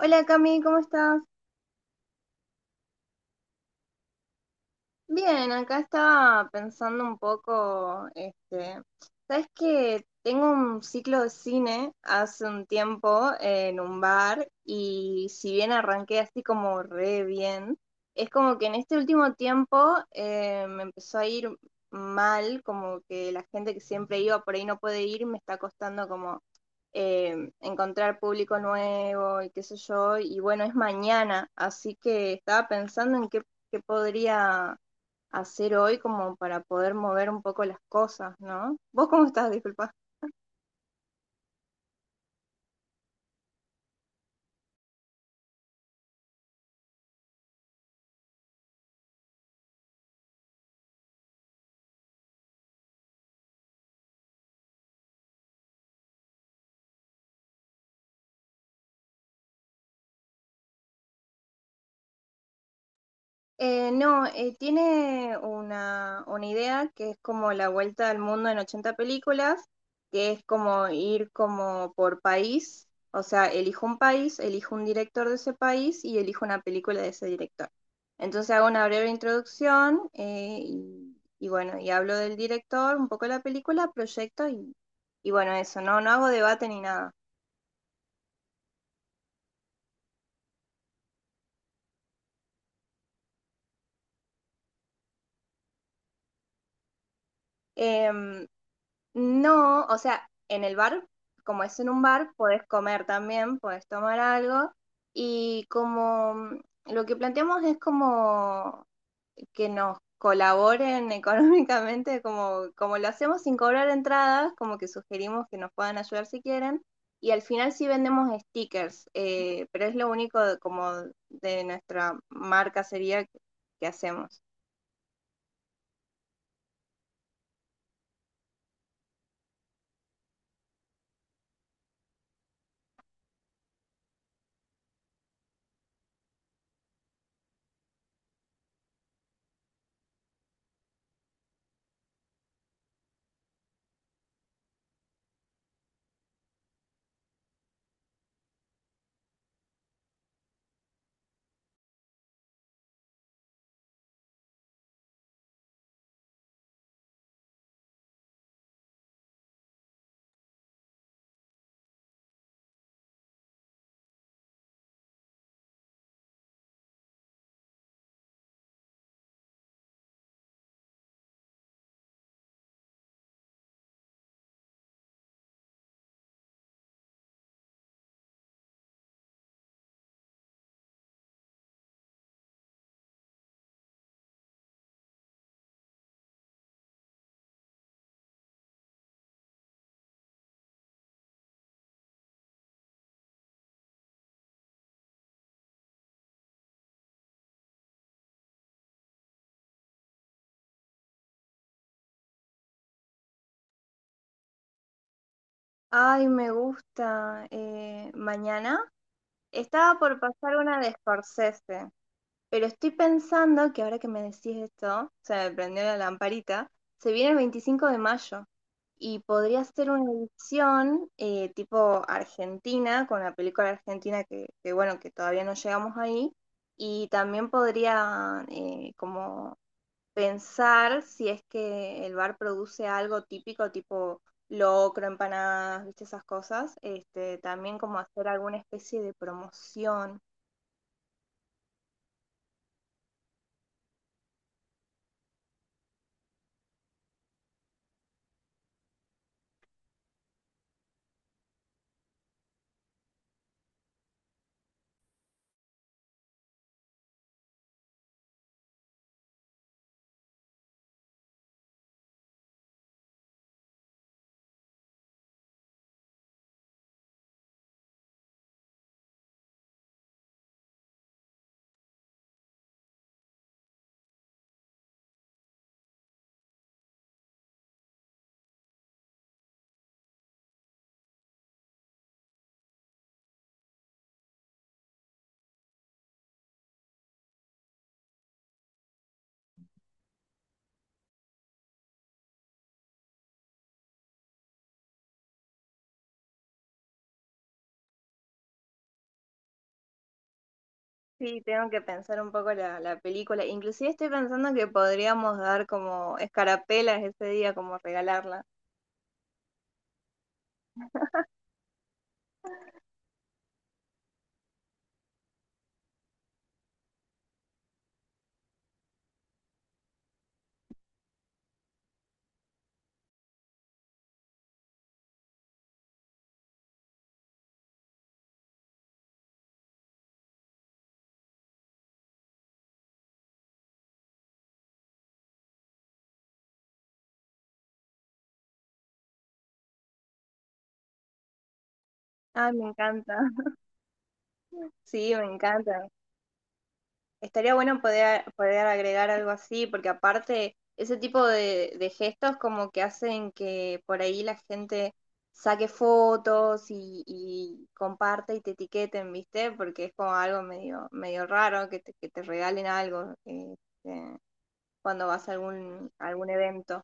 Hola Cami, ¿cómo estás? Bien, acá estaba pensando un poco, sabes que tengo un ciclo de cine hace un tiempo en un bar y si bien arranqué así como re bien, es como que en este último tiempo me empezó a ir mal, como que la gente que siempre iba por ahí no puede ir, me está costando como encontrar público nuevo y qué sé yo, y bueno, es mañana, así que estaba pensando en qué, qué podría hacer hoy como para poder mover un poco las cosas, ¿no? ¿Vos cómo estás? Disculpa. No, tiene una idea que es como la vuelta al mundo en 80 películas, que es como ir como por país, o sea, elijo un país, elijo un director de ese país y elijo una película de ese director. Entonces hago una breve introducción y bueno, y hablo del director, un poco de la película, proyecto y bueno, eso, no, no hago debate ni nada. Em, No, o sea, en el bar, como es en un bar, podés comer también, podés tomar algo. Y como lo que planteamos es como que nos colaboren económicamente, como, como lo hacemos sin cobrar entradas, como que sugerimos que nos puedan ayudar si quieren. Y al final sí vendemos stickers, pero es lo único como de nuestra marca sería que hacemos. Ay, me gusta. Mañana. Estaba por pasar una de Scorsese, pero estoy pensando que ahora que me decís esto, se me prendió la lamparita, se viene el 25 de mayo y podría ser una edición tipo argentina, con la película argentina que, bueno, que todavía no llegamos ahí, y también podría como pensar si es que el bar produce algo típico, tipo locro, empanadas, viste esas cosas, también como hacer alguna especie de promoción. Sí, tengo que pensar un poco la película. Inclusive estoy pensando que podríamos dar como escarapelas ese día, como regalarla. Ah, me encanta. Sí, me encanta. Estaría bueno poder, poder agregar algo así, porque aparte ese tipo de gestos como que hacen que por ahí la gente saque fotos y comparte y te etiqueten, ¿viste? Porque es como algo medio, medio raro que que te regalen algo cuando vas a algún evento.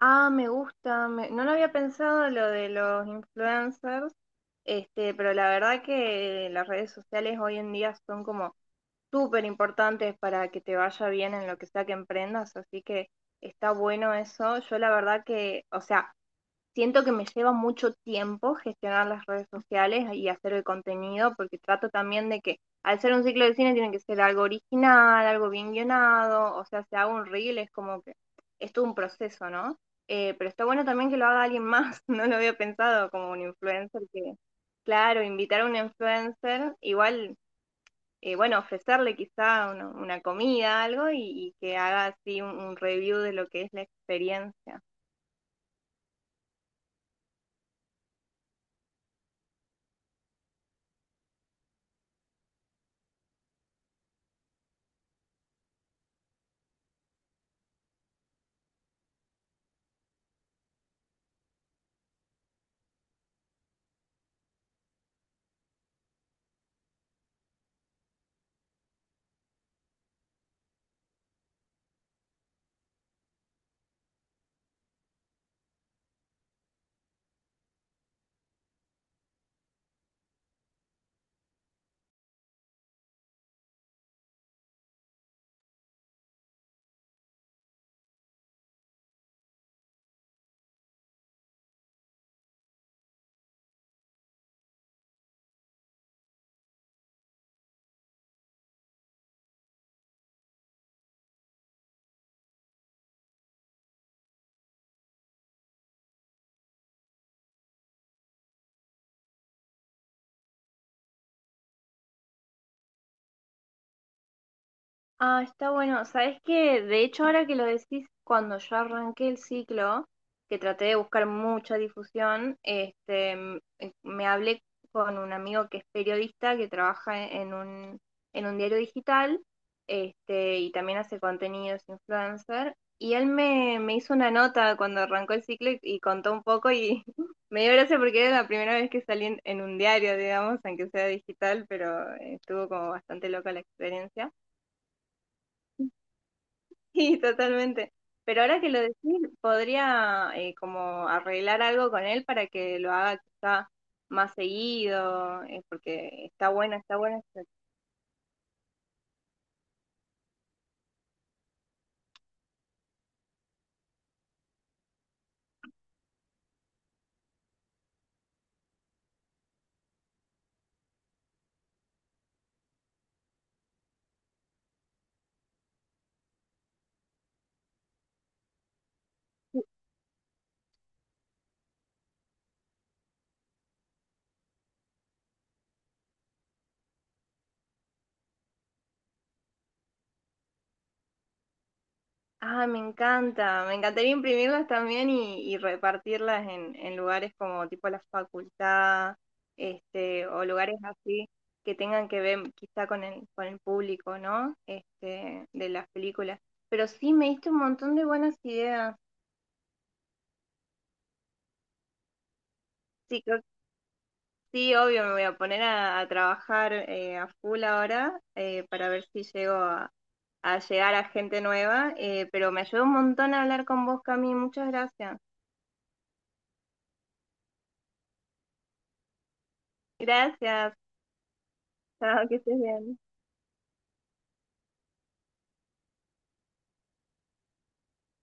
Ah, me gusta, no lo había pensado lo de los influencers, pero la verdad que las redes sociales hoy en día son como súper importantes para que te vaya bien en lo que sea que emprendas, así que está bueno eso. Yo la verdad que, o sea, siento que me lleva mucho tiempo gestionar las redes sociales y hacer el contenido, porque trato también de que al ser un ciclo de cine tiene que ser algo original, algo bien guionado, o sea, si hago un reel es como que es todo un proceso, ¿no? Pero está bueno también que lo haga alguien más, no lo había pensado como un influencer que... Claro, invitar a un influencer, igual bueno, ofrecerle quizá una comida, algo, y que haga así un review de lo que es la experiencia. Ah, está bueno. Sabes que, de hecho, ahora que lo decís, cuando yo arranqué el ciclo, que traté de buscar mucha difusión, me hablé con un amigo que es periodista, que trabaja en en un diario digital, este, y también hace contenidos influencer. Y él me, me hizo una nota cuando arrancó el ciclo y contó un poco y me dio gracia porque era la primera vez que salí en un diario, digamos, aunque sea digital, pero estuvo como bastante loca la experiencia. Sí, totalmente. Pero ahora que lo decís, podría como arreglar algo con él para que lo haga quizá más seguido, porque está buena, está buena. Ah, me encanta. Me encantaría imprimirlas también y repartirlas en lugares como tipo la facultad, o lugares así que tengan que ver quizá con el público, ¿no? Este, de las películas. Pero sí, me diste un montón de buenas ideas. Sí, creo Sí, obvio, me voy a poner a trabajar a full ahora para ver si llego a llegar a gente nueva, pero me ayudó un montón a hablar con vos, Cami, muchas gracias. Gracias, chao, que estés bien.